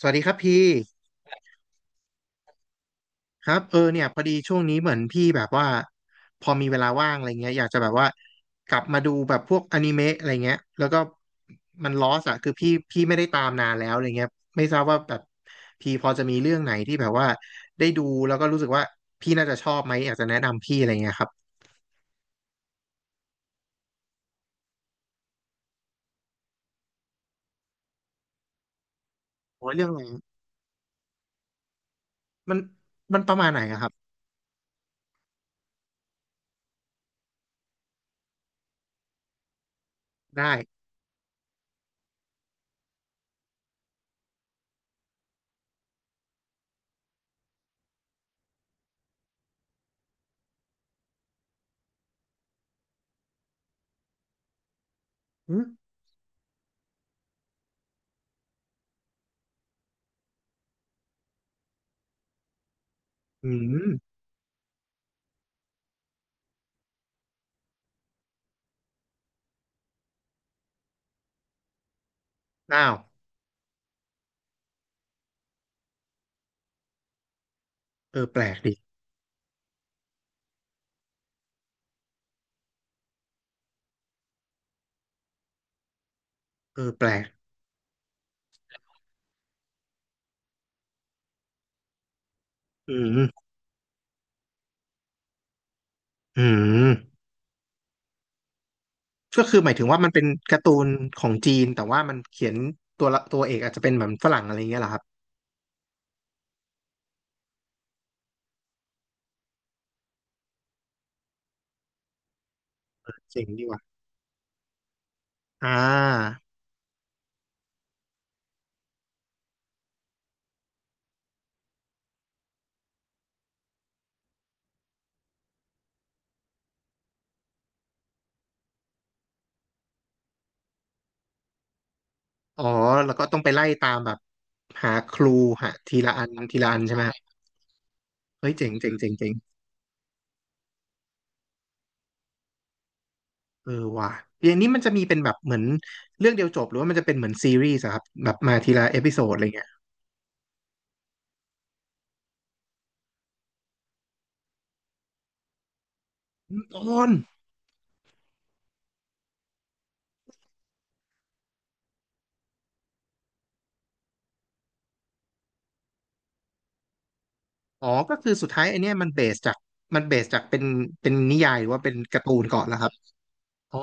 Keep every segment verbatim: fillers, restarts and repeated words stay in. สวัสดีครับพี่ครับเออเนี่ยพอดีช่วงนี้เหมือนพี่แบบว่าพอมีเวลาว่างอะไรเงี้ยอยากจะแบบว่ากลับมาดูแบบพวกอนิเมะอะไรเงี้ยแล้วก็มันลอสอะคือพี่พี่ไม่ได้ตามนานแล้วอะไรเงี้ยไม่ทราบว่าแบบพี่พอจะมีเรื่องไหนที่แบบว่าได้ดูแล้วก็รู้สึกว่าพี่น่าจะชอบไหมอยากจะแนะนำพี่อะไรเงี้ยครับโอ้ยเรื่องอะไรมันมันประมาณไหนอะครับได้อืมอืมอ้าวเออแปลกดิเออแปลกอืมอืม ก็คือหมายถึงว่ามันเป็นการ์ตูนของจีนแต่ว่ามันเขียนตัวละตัวเอกอาจจะเป็นเหมือนฝรั่งอะไรอย่างเงี้ยเหรอครับเจ๋งดีว่ะอ่าอ๋อแล้วก็ต้องไปไล่ตามแบบหาครูหาทีละอันทีละอันใช่ไหมฮะเฮ้ยเจ๋งเจ๋งเจ๋งเจ๋งเออว่ะอย่างนี้มันจะมีเป็นแบบเหมือนเรื่องเดียวจบหรือว่ามันจะเป็นเหมือนซีรีส์อะครับแบบมาทีละเอพิโซดอะไรเงี้ยตอนอ๋อก็คือสุดท้ายไอเนี้ยมันเบสจากมันเบสจากเป็นเป็นนิยายหรือว่าเป็นการ์ตูนก่อนแล้วครับอ๋อ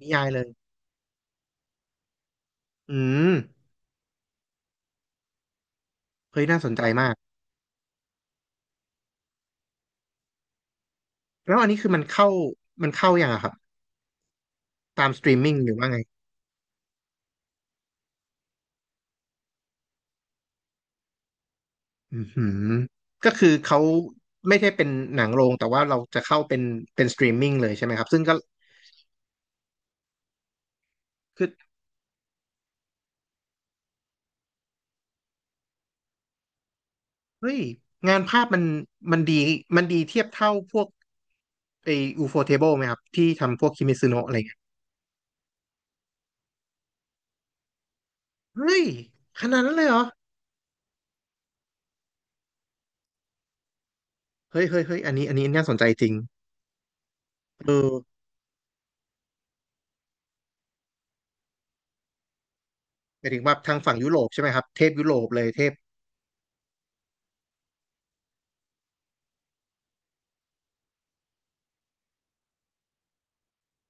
นิยายเลยอืมเฮ้ยน่าสนใจมาก แล้วอันนี้คือมันเข้ามันเข้ายังอะครับตามสตรีมมิ่งหรือว่าไงอือหือก็คือเขาไม่ได้เป็นหนังโรงแต่ว่าเราจะเข้าเป็นเป็นสตรีมมิ่งเลยใช่ไหมครับซึ่งก็คือเฮ้ยงานภาพมันมันดีมันดีเทียบเท่าพวกไออูโฟเทเบิลไหมครับที่ทำพวกคิมิซึโนะอะไรเงี้ยเฮ้ยขนาดนั้นเลยเหรอเฮ้ยเฮ้ยเฮ้ยอันนี้อันนี้น่าสนใจจริงเออหมายถึงว่าทางฝั่งยุโรปใช่ไหมครับเทพยุโรปเลยเทพ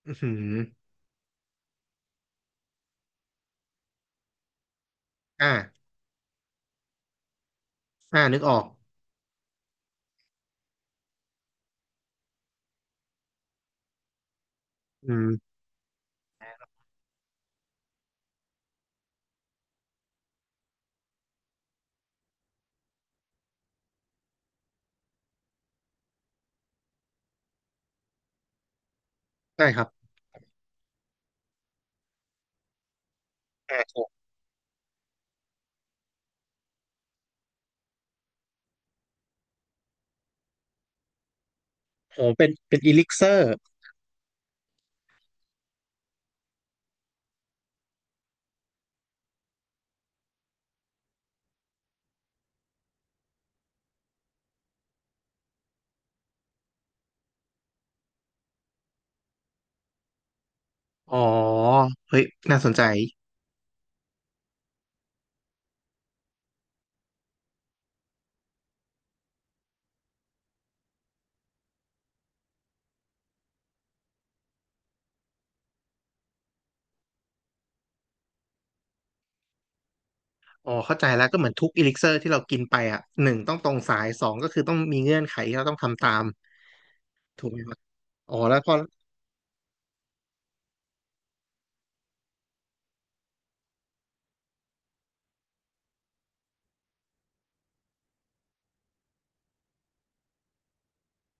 อือหืออ่าอ่านึกออกอืมใช่ครับอ่า โหเป็นเป็นอีลิกเซอร์อ๋อเฮ้ยน่าสนใจอ๋อเข้าใจแล้วก็เหมือนทุกอีลิกเซอร์ที่เรากินไปอ่ะหนึ่งต้องตรงสายสองก็คือต้องมีเงื่อนไขที่เราต้องทำตามถูกไหมครับอ๋อแล้วก็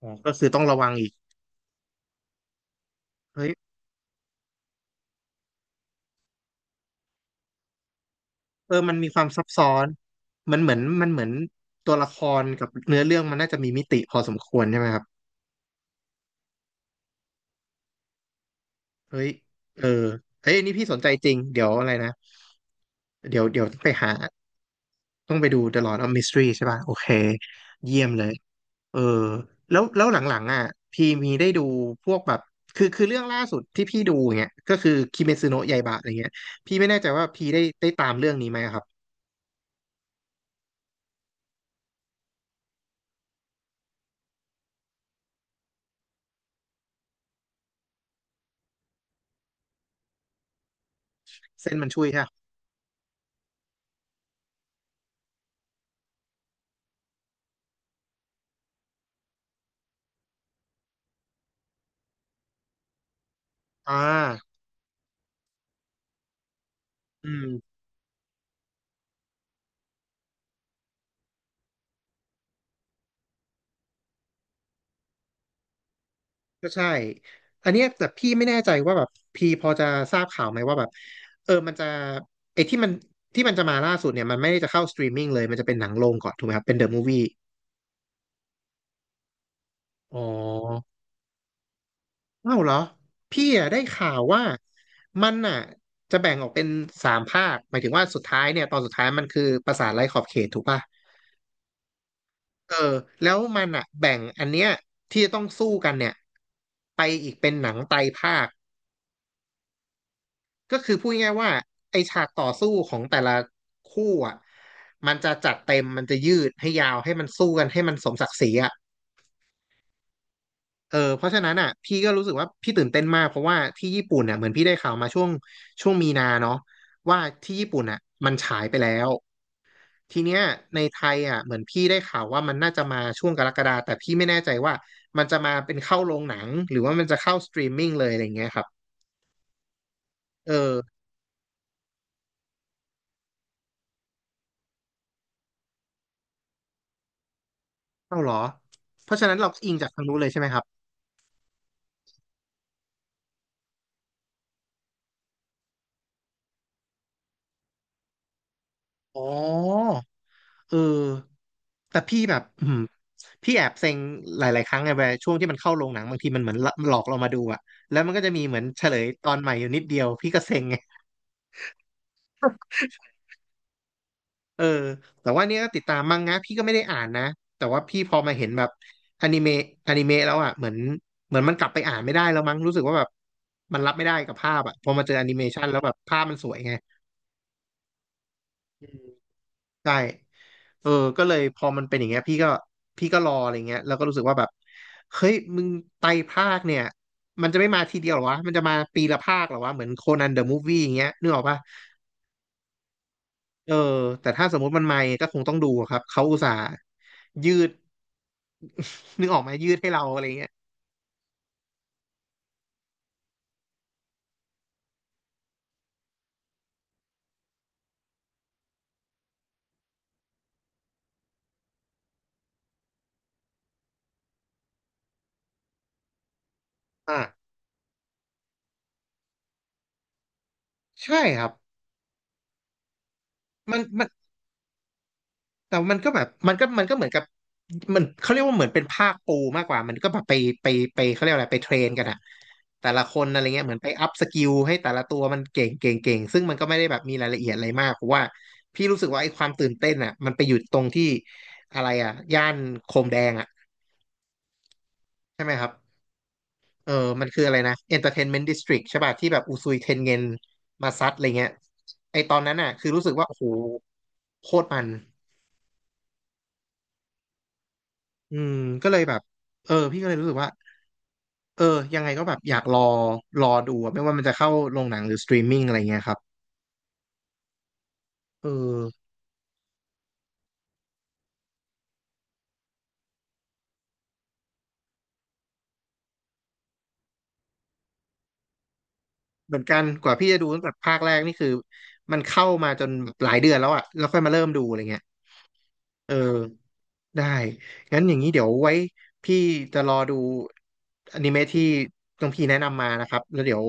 อ๋อก็คือต้องระวังอีกเฮ้ยเออมันมีความซับซ้อนมันเหมือนมันเหมือนตัวละครกับเนื้อเรื่องมันน่าจะมีมิติพอสมควรใช่ไหมครับเฮ้ยเออเฮ้ยอันนี่พี่สนใจจริงเดี๋ยวอะไรนะเดี๋ยวเดี๋ยวต้องไปหาต้องไปดู The Lord of Mystery ใช่ป่ะโอเคเยี่ยมเลย เออแล้วแล้วหลังๆอ่ะพี่มีได้ดูพวกแบบคือคือเรื่องล่าสุดที่พี่ดูอย่างเงี้ยก็คือคิเมซุโนะยาอิบะอะไรเงี้ยพี่ไม่แน่ใจว่าพี่ได้ได้ตามเรื่องนี้ไหมอะครับเส้นมันช่วยใช่ปะอ่าอืมก็ใช่อันเนี้ยแต่พี่ไม่แน่ใจว่าแบบพี่พอจะทราบข่าวไหมว่าแบบเออมันจะไอ้ที่มันที่มันจะมาล่าสุดเนี่ยมันไม่ได้จะเข้าสตรีมมิ่งเลยมันจะเป็นหนังโรงก่อนถูกไหมครับเป็นเดอะมูฟวี่อ๋อ เอ้าเหรอพี่อะได้ข่าวว่ามันอ่ะจะแบ่งออกเป็นสามภาคหมายถึงว่าสุดท้ายเนี่ยตอนสุดท้ายมันคือปราสาทไร้ขอบเขตถูกป่ะเออแล้วมันอ่ะแบ่งอันเนี้ยที่จะต้องสู้กันเนี่ยไปอีกเป็นหนังไตรภาคก็คือพูดง่ายๆว่าไอฉากต่อสู้ของแต่ละคู่อ่ะมันจะจัดเต็มมันจะยืดให้ยาวให้มันสู้กันให้มันสมศักดิ์ศรีอ่ะ เออเพราะฉะนั้นอ่ะพี่ก็รู้สึกว่าพี่ตื่นเต้นมากเพราะว่าที่ญี่ปุ่นเนี่ยเหมือนพี่ได้ข่าวมาช่วงช่วงมีนาเนาะว่าที่ญี่ปุ่นอ่ะมันฉายไปแล้วทีเนี้ยในไทยอ่ะเหมือนพี่ได้ข่าวว่ามันน่าจะมาช่วงกรกฎาแต่พี่ไม่แน่ใจว่ามันจะมาเป็นเข้าโรงหนังหรือว่ามันจะเข้าสตรีมมิ่งเลยอะไรอย่างเงี้ยครับเออเข้าเหรอเพราะฉะนั้นเราก็อิงจากทางนู้นเลยใช่ไหมครับอ๋อ เออแต่พี่แบบอืมพี่แอบเซ็งหลายๆครั้งไงเวลาช่วงที่มันเข้าโรงหนังบางทีมันเหมือนหลอกเรามาดูอะแล้วมันก็จะมีเหมือนเฉลยตอนใหม่อยู่นิดเดียวพี่ก็เซ็งไงเออแต่ว่าเนี่ยก็ติดตามมังงะพี่ก็ไม่ได้อ่านนะแต่ว่าพี่พอมาเห็นแบบอนิเมะอนิเมะแล้วอ่ะเหมือนเหมือนมันกลับไปอ่านไม่ได้แล้วมั้งรู้สึกว่าแบบมันรับไม่ได้กับภาพอ่ะพอมาเจอแอนิเมชันแล้วแบบภาพมันสวยไง ใช่เออก็เลยพอมันเป็นอย่างเงี้ยพี่ก็พี่ก็รออะไรเงี้ยแล้วก็รู้สึกว่าแบบเฮ้ยมึงไตรภาคเนี่ยมันจะไม่มาทีเดียวเหรอวะมันจะมาปีละภาคเหรอวะเหมือนโคนันเดอะมูฟวี่อย่างเงี้ยนึกออกปะเออแต่ถ้าสมมติมันมาก็คงต้องดูอะครับเขาอุตส่าห์ยืดนึกออกไหมยืดให้เราอะไรเงี้ยอ่าใช่ครับมันมัน แต่มันก็แบบมันก็มันก็เหมือนกับมันเขาเรียกว่าเหมือนเป็นภาคปูมากกว่ามันก็แบบไปไปไปเขาเรียกอะไรไปเทรนกันอะแต่ละคนอะไรเงี้ยเหมือนไปอัพสกิลให้แต่ละตัวมันเก่งเก่งเก่งซึ่งมันก็ไม่ได้แบบมีรายละเอียดอะไรมากเพราะว่าพี่รู้สึกว่าไอ้ความตื่นเต้นอะมันไปอยู่ตรงที่อะไรอะย่านโคมแดงอะใช่ไหมครับเออมันคืออะไรนะ เอ็นเตอร์เทนเมนต์ ดิสทริค ใช่ป่ะที่แบบอุซุยเทนเงินมาซัดอะไรเงี้ยไอตอนนั้นอะคือรู้สึกว่าโอ้โหโคตรมันอืมก็เลยแบบเออพี่ก็เลยรู้สึกว่า เออยังไงก็แบบอยากรอรอดูอะไม่ว่ามันจะเข้าโรงหนังหรือสตรีมมิ่งอะไรเงี้ยครับเออเหมือนกันกว่าพี่จะดูตั้งแต่ภาคแรกนี่คือมันเข้ามาจนหลายเดือนแล้วอะแล้วค่อยมาเริ่มดูอะไรเงี้ยเออได้งั้นอย่างนี้เดี๋ยวไว้พี่จะรอดูอนิเมะที่ต้องพี่แนะนำมานะครับแล้วเดี๋ยว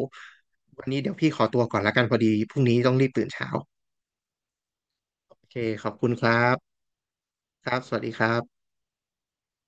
วันนี้เดี๋ยวพี่ขอตัวก่อนละกันพอดีพรุ่งนี้ต้องรีบตื่นเช้าโอเคขอบคุณครับครับสวัสดีครับ